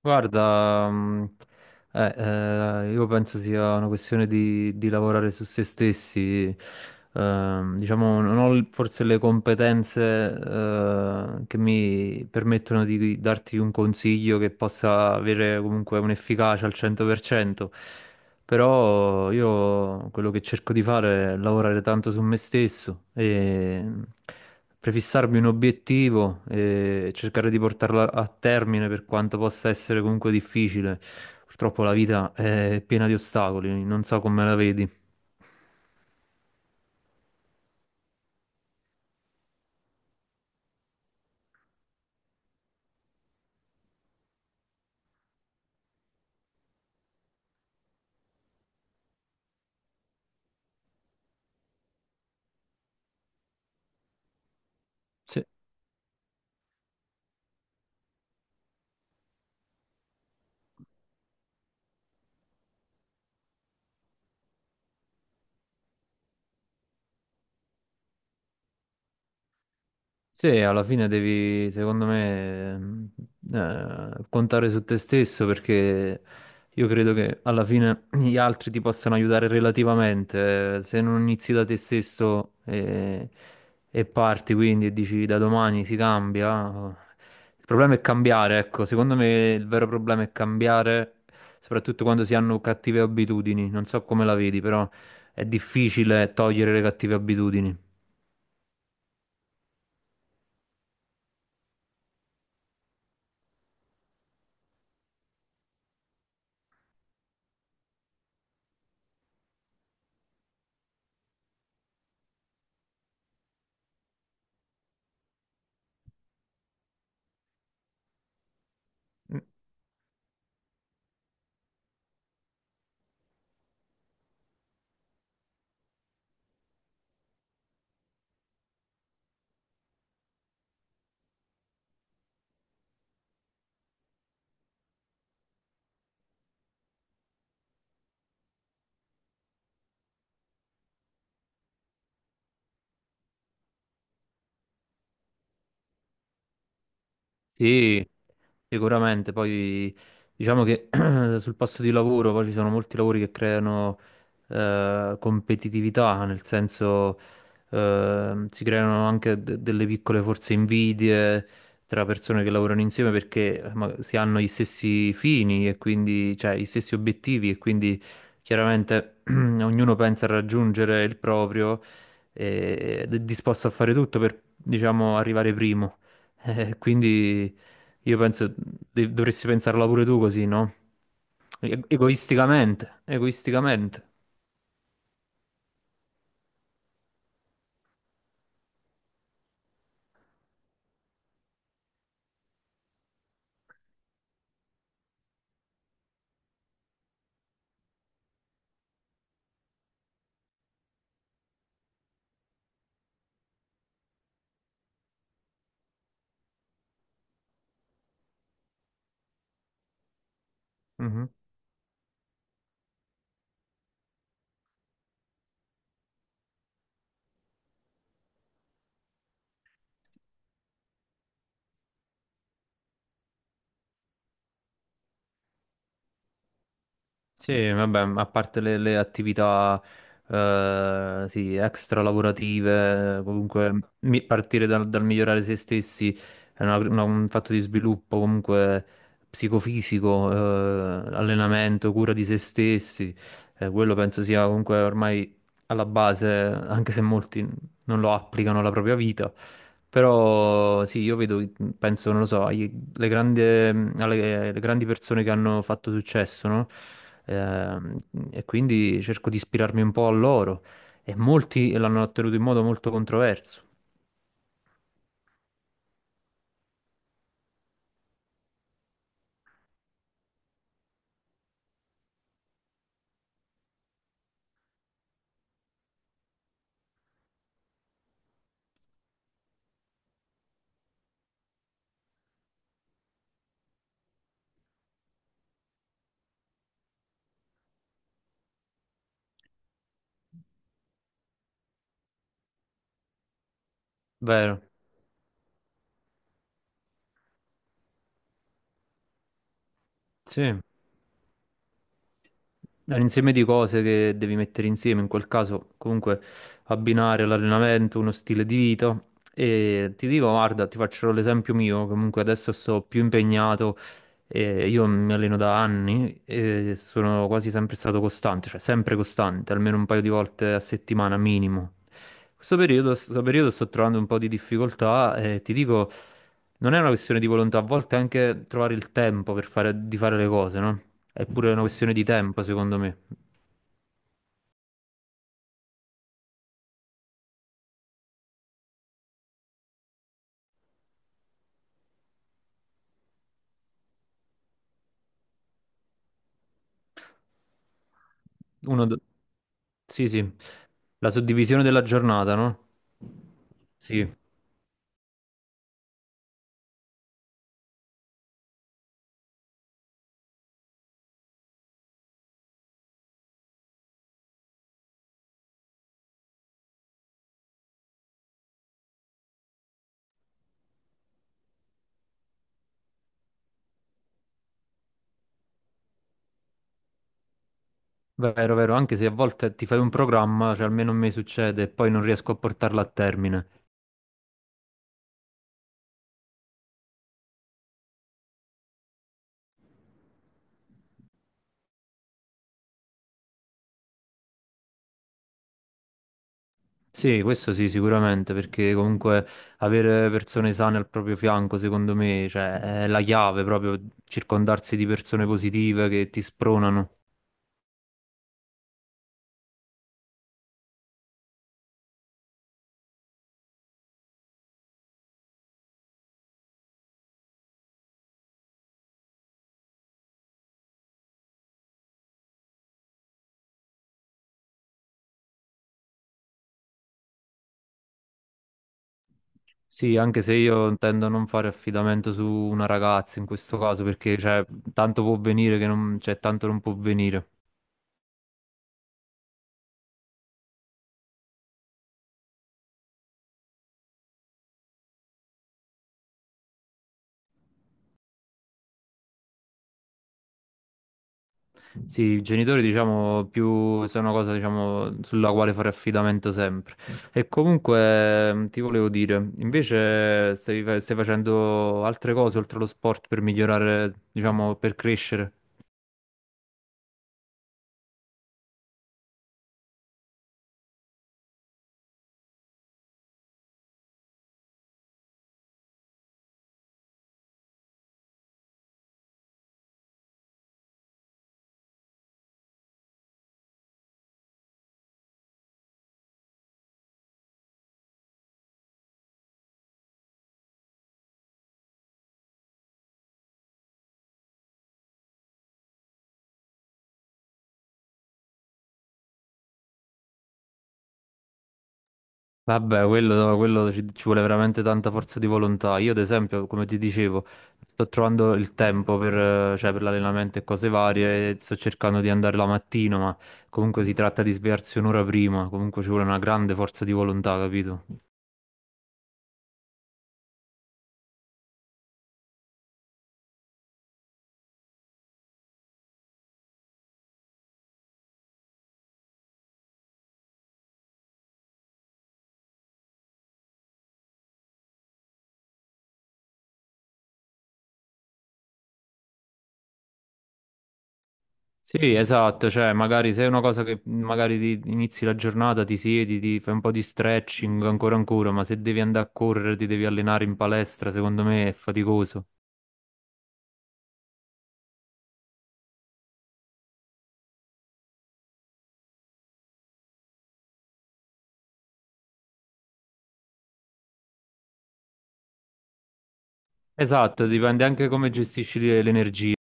Guarda, io penso sia una questione di lavorare su se stessi. Diciamo, non ho forse le competenze, che mi permettono di darti un consiglio che possa avere comunque un'efficacia al 100%. Però io quello che cerco di fare è lavorare tanto su me stesso e prefissarmi un obiettivo e cercare di portarlo a termine per quanto possa essere comunque difficile. Purtroppo la vita è piena di ostacoli, non so come la vedi. Sì. Sì, Alla fine devi, secondo me, contare su te stesso, perché io credo che alla fine gli altri ti possano aiutare relativamente. Se non inizi da te stesso e parti, quindi, e dici da domani si cambia, oh. Il problema è cambiare, ecco, secondo me il vero problema è cambiare, soprattutto quando si hanno cattive abitudini. Non so come la vedi, però è difficile togliere le cattive abitudini. Sì. Sicuramente, poi diciamo che sul posto di lavoro poi ci sono molti lavori che creano competitività, nel senso, si creano anche delle piccole forse invidie tra persone che lavorano insieme, perché si hanno gli stessi fini e quindi, cioè, gli stessi obiettivi e quindi chiaramente ognuno pensa a raggiungere il proprio ed è disposto a fare tutto per, diciamo, arrivare primo. Quindi io penso dovresti pensarla pure tu così, no? Egoisticamente, egoisticamente. Sì, vabbè, a parte le attività, sì, extra lavorative. Comunque, partire dal migliorare se stessi è un fatto di sviluppo comunque psicofisico, allenamento, cura di se stessi, quello penso sia comunque ormai alla base, anche se molti non lo applicano alla propria vita. Però sì, io vedo, penso, non lo so, ai le grandi, le grandi persone che hanno fatto successo, no? Ehm, e quindi cerco di ispirarmi un po' a loro. E molti l'hanno ottenuto in modo molto controverso. Vero? Sì. È un insieme di cose che devi mettere insieme, in quel caso comunque abbinare l'allenamento, uno stile di vita. E ti dico, guarda, ti faccio l'esempio mio, comunque adesso sto più impegnato, e io mi alleno da anni e sono quasi sempre stato costante, cioè sempre costante, almeno un paio di volte a settimana minimo. Questo periodo sto trovando un po' di difficoltà e ti dico... Non è una questione di volontà, a volte è anche trovare il tempo per fare, di fare le cose, no? È pure una questione di tempo, secondo me. Uno... do- Sì, sì, la suddivisione della giornata, no? Sì, vero, vero, anche se a volte ti fai un programma, cioè almeno a me succede, e poi non riesco a portarlo a termine. Sì, questo sì, sicuramente, perché comunque avere persone sane al proprio fianco, secondo me, cioè, è la chiave proprio, circondarsi di persone positive che ti spronano. Sì, anche se io intendo non fare affidamento su una ragazza in questo caso, perché cioè, tanto può venire che non, cioè, tanto non può venire. Sì, i genitori, diciamo, più sono una cosa, diciamo, sulla quale fare affidamento sempre. E comunque, ti volevo dire, invece stai, stai facendo altre cose oltre allo sport per migliorare, diciamo, per crescere. Vabbè, quello, no, quello ci vuole veramente tanta forza di volontà. Io, ad esempio, come ti dicevo, sto trovando il tempo per, cioè, per l'allenamento e cose varie. E sto cercando di andare la mattina, ma comunque si tratta di svegliarsi un'ora prima. Comunque ci vuole una grande forza di volontà, capito? Sì, esatto. Cioè, magari se è una cosa che magari ti inizi la giornata, ti siedi, ti fai un po' di stretching, ancora ancora, ma se devi andare a correre, ti devi allenare in palestra, secondo me è faticoso. Esatto, dipende anche come gestisci l'energia.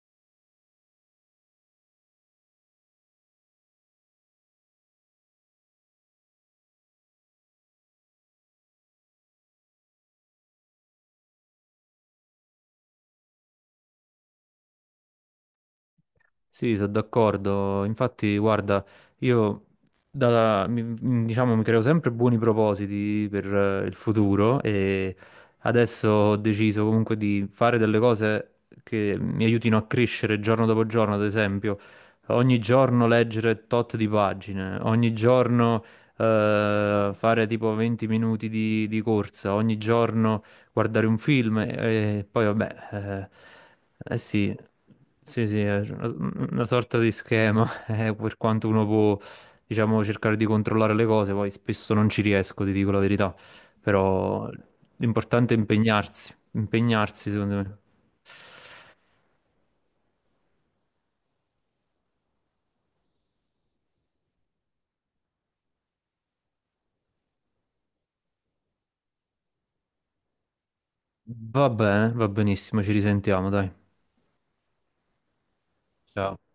Sì, sono d'accordo. Infatti, guarda, io diciamo, mi creo sempre buoni propositi per, il futuro, e adesso ho deciso comunque di fare delle cose che mi aiutino a crescere giorno dopo giorno. Ad esempio, ogni giorno leggere tot di pagine, ogni giorno fare tipo 20 minuti di corsa, ogni giorno guardare un film e poi vabbè, sì, sì, sì, è una sorta di schema, per quanto uno può, diciamo, cercare di controllare le cose, poi spesso non ci riesco, ti dico la verità, però l'importante è impegnarsi, impegnarsi secondo me. Va bene, va benissimo, ci risentiamo, dai. Ciao.